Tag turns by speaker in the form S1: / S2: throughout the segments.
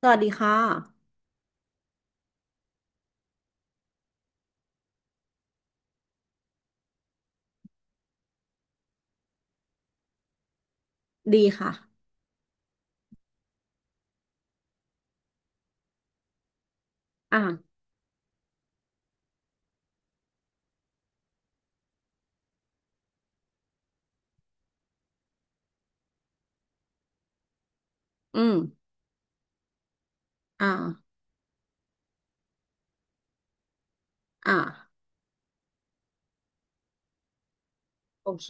S1: สวัสดีค่ะดีค่ะอ่าอืมอ่าอ่าโอเค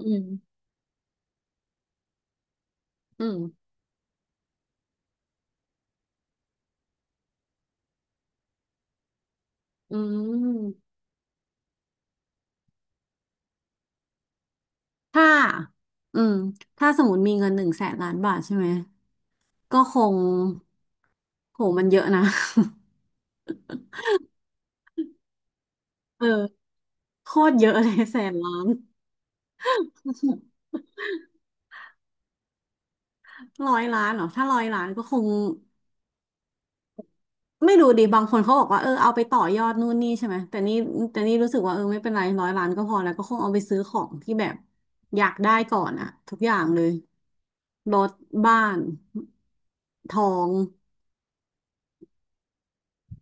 S1: อืมอืมอืมถ้าอืมถ้าสมมติมีเงินหนึ่งแสนล้านบาทใช่ไหม ก็คงโหมันเยอะนะ เออโคตรเยอะเลยแสนล้าน ร้อยล้านเหรอถ้าร้อยล้านก็คง ไม่รู้ดิบางคนเขาบอกว่าเออ เอาไปต่อยอดนู่นนี่ใช่ไหม แต่นี่แต่นี่รู้สึกว่า เออไม่เป็นไรร้อยล้านก็พอแล้วก็คงเอาไปซื้อของที่แบบอยากได้ก่อนอะทุกอย่างเลย รถบ้านทอง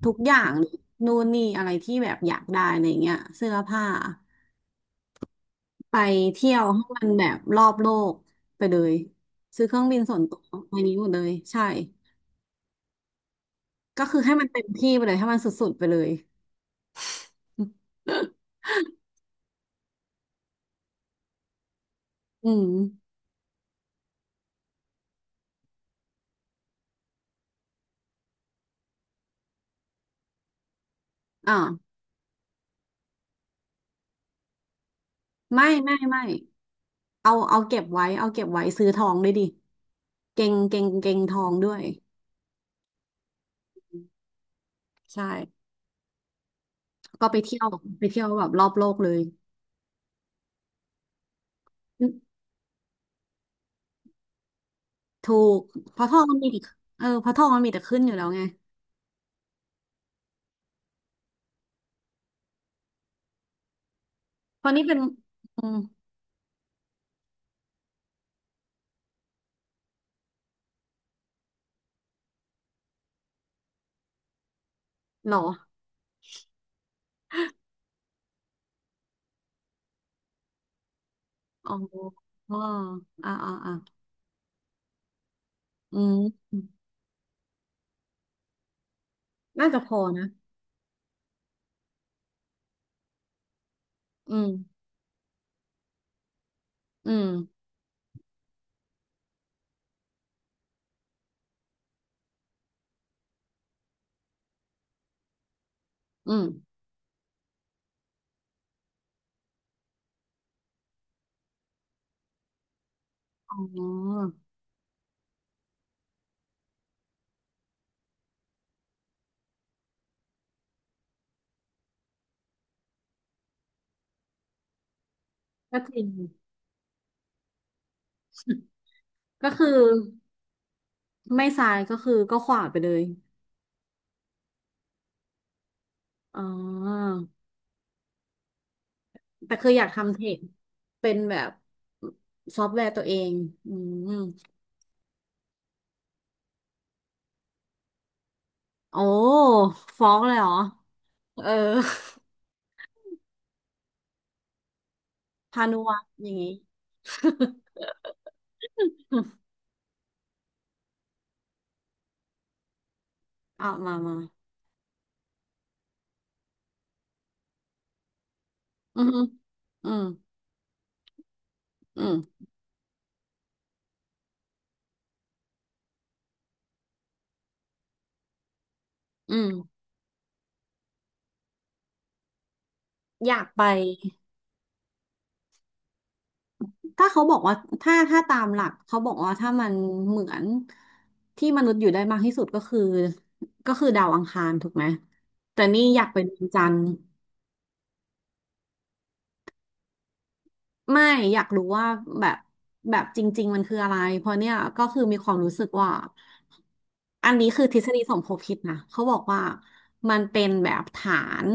S1: ทุกอย่างเลยนู่นนี่อะไรที่แบบอยากได้อะไรเงี้ยเสื้อผ้าไปเที่ยวให้มันแบบรอบโลกไปเลยซื้อเครื่องบินส่วนตัวไปนี้หมดเลยใช่ก็คือให้มันเต็มที่ไปเลยให้มันสุดๆไปเลย อืมอ่าไม่ไม่ไม่เอาเอาเก็บไว้เอาเก็บไว้ซื้อทองด้วยดิเก่งเก่งเก่งทองด้วยใช่ก็ไปเที่ยวไปเที่ยวแบบรอบโลกเลย ถูกเพราะทองมันมีแต่เออเพราะทองมันมีแต่ขึ้นอยู่แล้วไงเพราะนี่เป็นอืมเหรออ๋ออ๋ออ่าอ่าอ่าอืมน่าจะพอนะ อืม อืม อืม อ๋อ ก็จริง ก็คือไม่ซ้ายก็คือก็ขวาไปเลย อ๋อ แต่คืออยากทำเทคเป็นแบบซอฟต์แวร์ตัวเองอืมโอ้ฟ้องเลยเหรอ เออ พานุวัตรอย่างงี้ อ่ะมามา อืมอืมอืมอืมอยากไปถ้าเขาบอกว่าถ้าถ้าตามหลัก เขาบอกว่าถ้ามันเหมือนที่มนุษย์อยู่ได้มากที่สุดก็คือก็คือดาวอังคารถูกไหมแต่นี่อยากไปดวงจันทร์ ไม่อยากรู้ว่าแบบแบบจริงๆมันคืออะไร เพราะเนี่ยก็คือมีความรู้สึกว่าอันนี้คือทฤษฎีสมคบคิดนะเขาบอกว่ามันเป็นแบบฐาน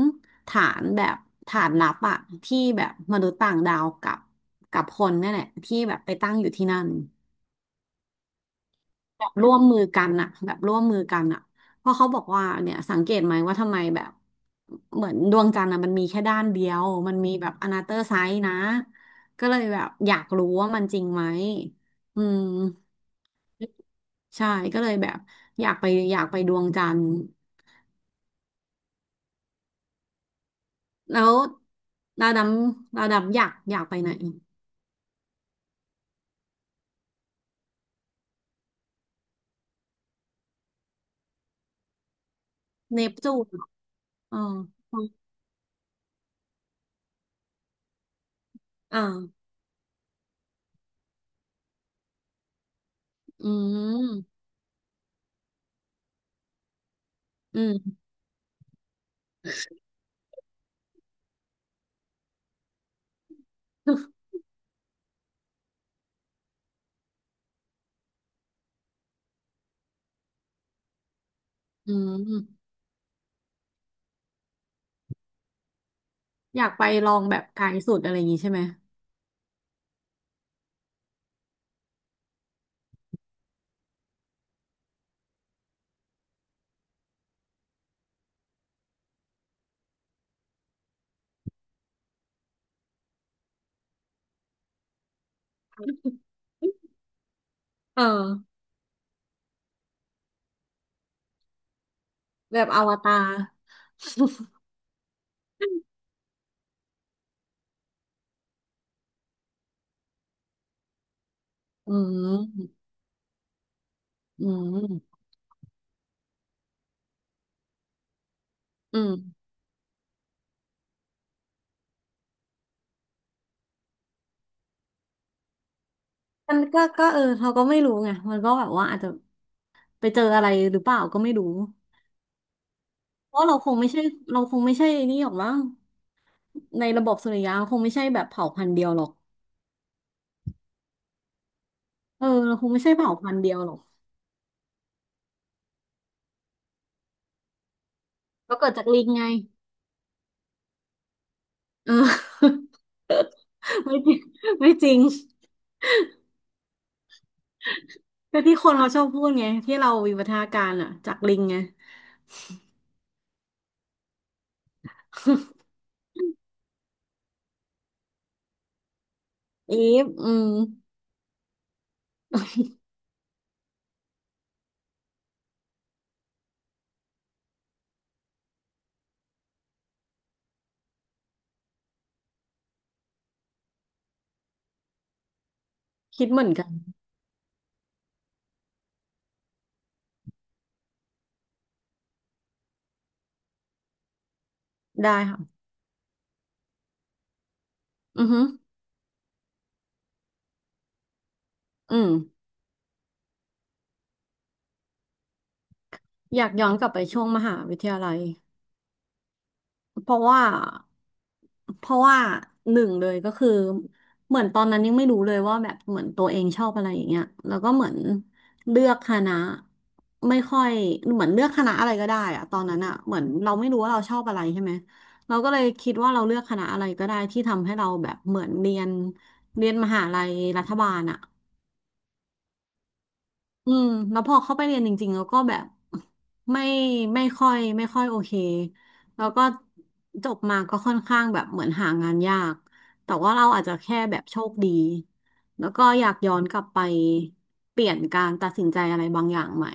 S1: ฐานแบบฐานลับอะที่แบบมนุษย์ต่างดาวกับกับคนเนี่ยแหละที่แบบไปตั้งอยู่ที่นั่น แบบร่วมมือกันอะแบบร่วมมือกันอะเพราะเขาบอกว่าเนี่ยสังเกตไหมว่าทำไมแบบเหมือนดวงจันทร์อะมันมีแค่ด้านเดียวมันมีแบบอนาเตอร์ไซส์นะก็เลยแบบอยากรู้ว่ามันจริงไหมอืมใช่ก็เลยแบบอยากไปอยากไปดวงจันทร์แล้วดาวดำดาวดำอยากอยากไปไหนเนปจูนเหรออ๋ออ่าอืมอืม อืมอยากไปลองแบบไกลสุดอะไรอย่างงี้ใช่ไหมเออ แบบอวตาร อืมอืมอืมมันก็ก็เออเราก็ไม่รู้ไงมันก็แบบว่าอาจจะไปเจออะไรหรือเปล่าก็ไม่รู้เพราะเราคงไม่ใช่เราคงไม่ใช่นี่หรอกมั้งในระบบสุริยะคงไม่ใช่แบบเผ่าพันธุ์เดียวหรอกเออเราคงไม่ใช่เผ่าพันธุ์เดียวหรอกเราเกิดจากลิงไง เออ ไม่จริงไม่จริงก็ที่คนเขาชอบพูดไงที่เราวิวัฒนาการอ่ะจากลิงไง อีฟอืมคิดเหมือนกันได้ค่ะอือฮึอืม อยากย้อนกลับไปช่วงมหาวิทยาลัยเพราะว่าเพราะว่าหนึ่งเลยก็คือเหมือนตอนนั้นยังไม่รู้เลยว่าแบบเหมือนตัวเองชอบอะไรอย่างเงี้ยแล้วก็เหมือนเลือกคณะไม่ค่อยเหมือนเลือกคณะอะไรก็ได้อะตอนนั้นอะเหมือนเราไม่รู้ว่าเราชอบอะไรใช่ไหมเราก็เลยคิดว่าเราเลือกคณะอะไรก็ได้ที่ทำให้เราแบบเหมือนเรียนมหาลัยรัฐบาลอะ อืมแล้วพอเข้าไปเรียนจริงๆแล้วก็แบบไม่ไม่ค่อยไม่ค่อยโอเคแล้วก็จบมาก็ค่อนข้างแบบเหมือนหางานยากแต่ว่าเราอาจจะแค่แบบโชคดีแล้วก็อยากย้อนกลับไปเปลี่ยนการตัดสินใจอะไรบางอย่างใหม่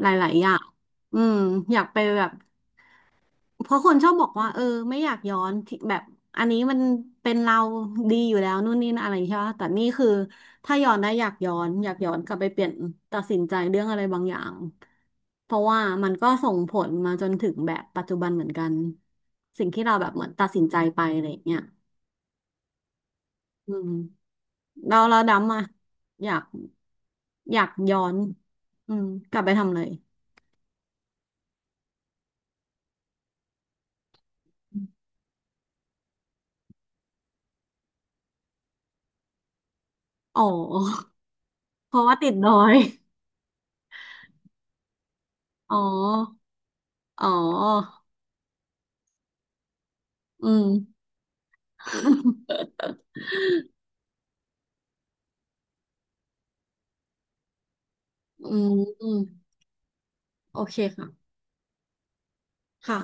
S1: หลายๆอย่างอืมอยากไปแบบ เพราะคนชอบบอกว่าเออไม่อยากย้อนที่แบบอันนี้มันเป็นเราดีอยู่แล้วนู่นนี่นั่นอะไรใช่ไหมแต่นี่คือถ้าย้อนได้อยากย้อนอยากย้อนกลับไปเปลี่ยนตัดสินใจเรื่องอะไรบางอย่างเพราะว่ามันก็ส่งผลมาจนถึงแบบปัจจุบันเหมือนกันสิ่งที่เราแบบเหมือนตัดสินใจไปอะไรอย่างเงี้ยอืมเราดำอ่ะอยากอยากย้อนอืมกลับไปทำเลยอ๋อ เพราะว่าติดดอยอ๋ออ๋อ อืม อืมอืมโอเคค่ะค่ะ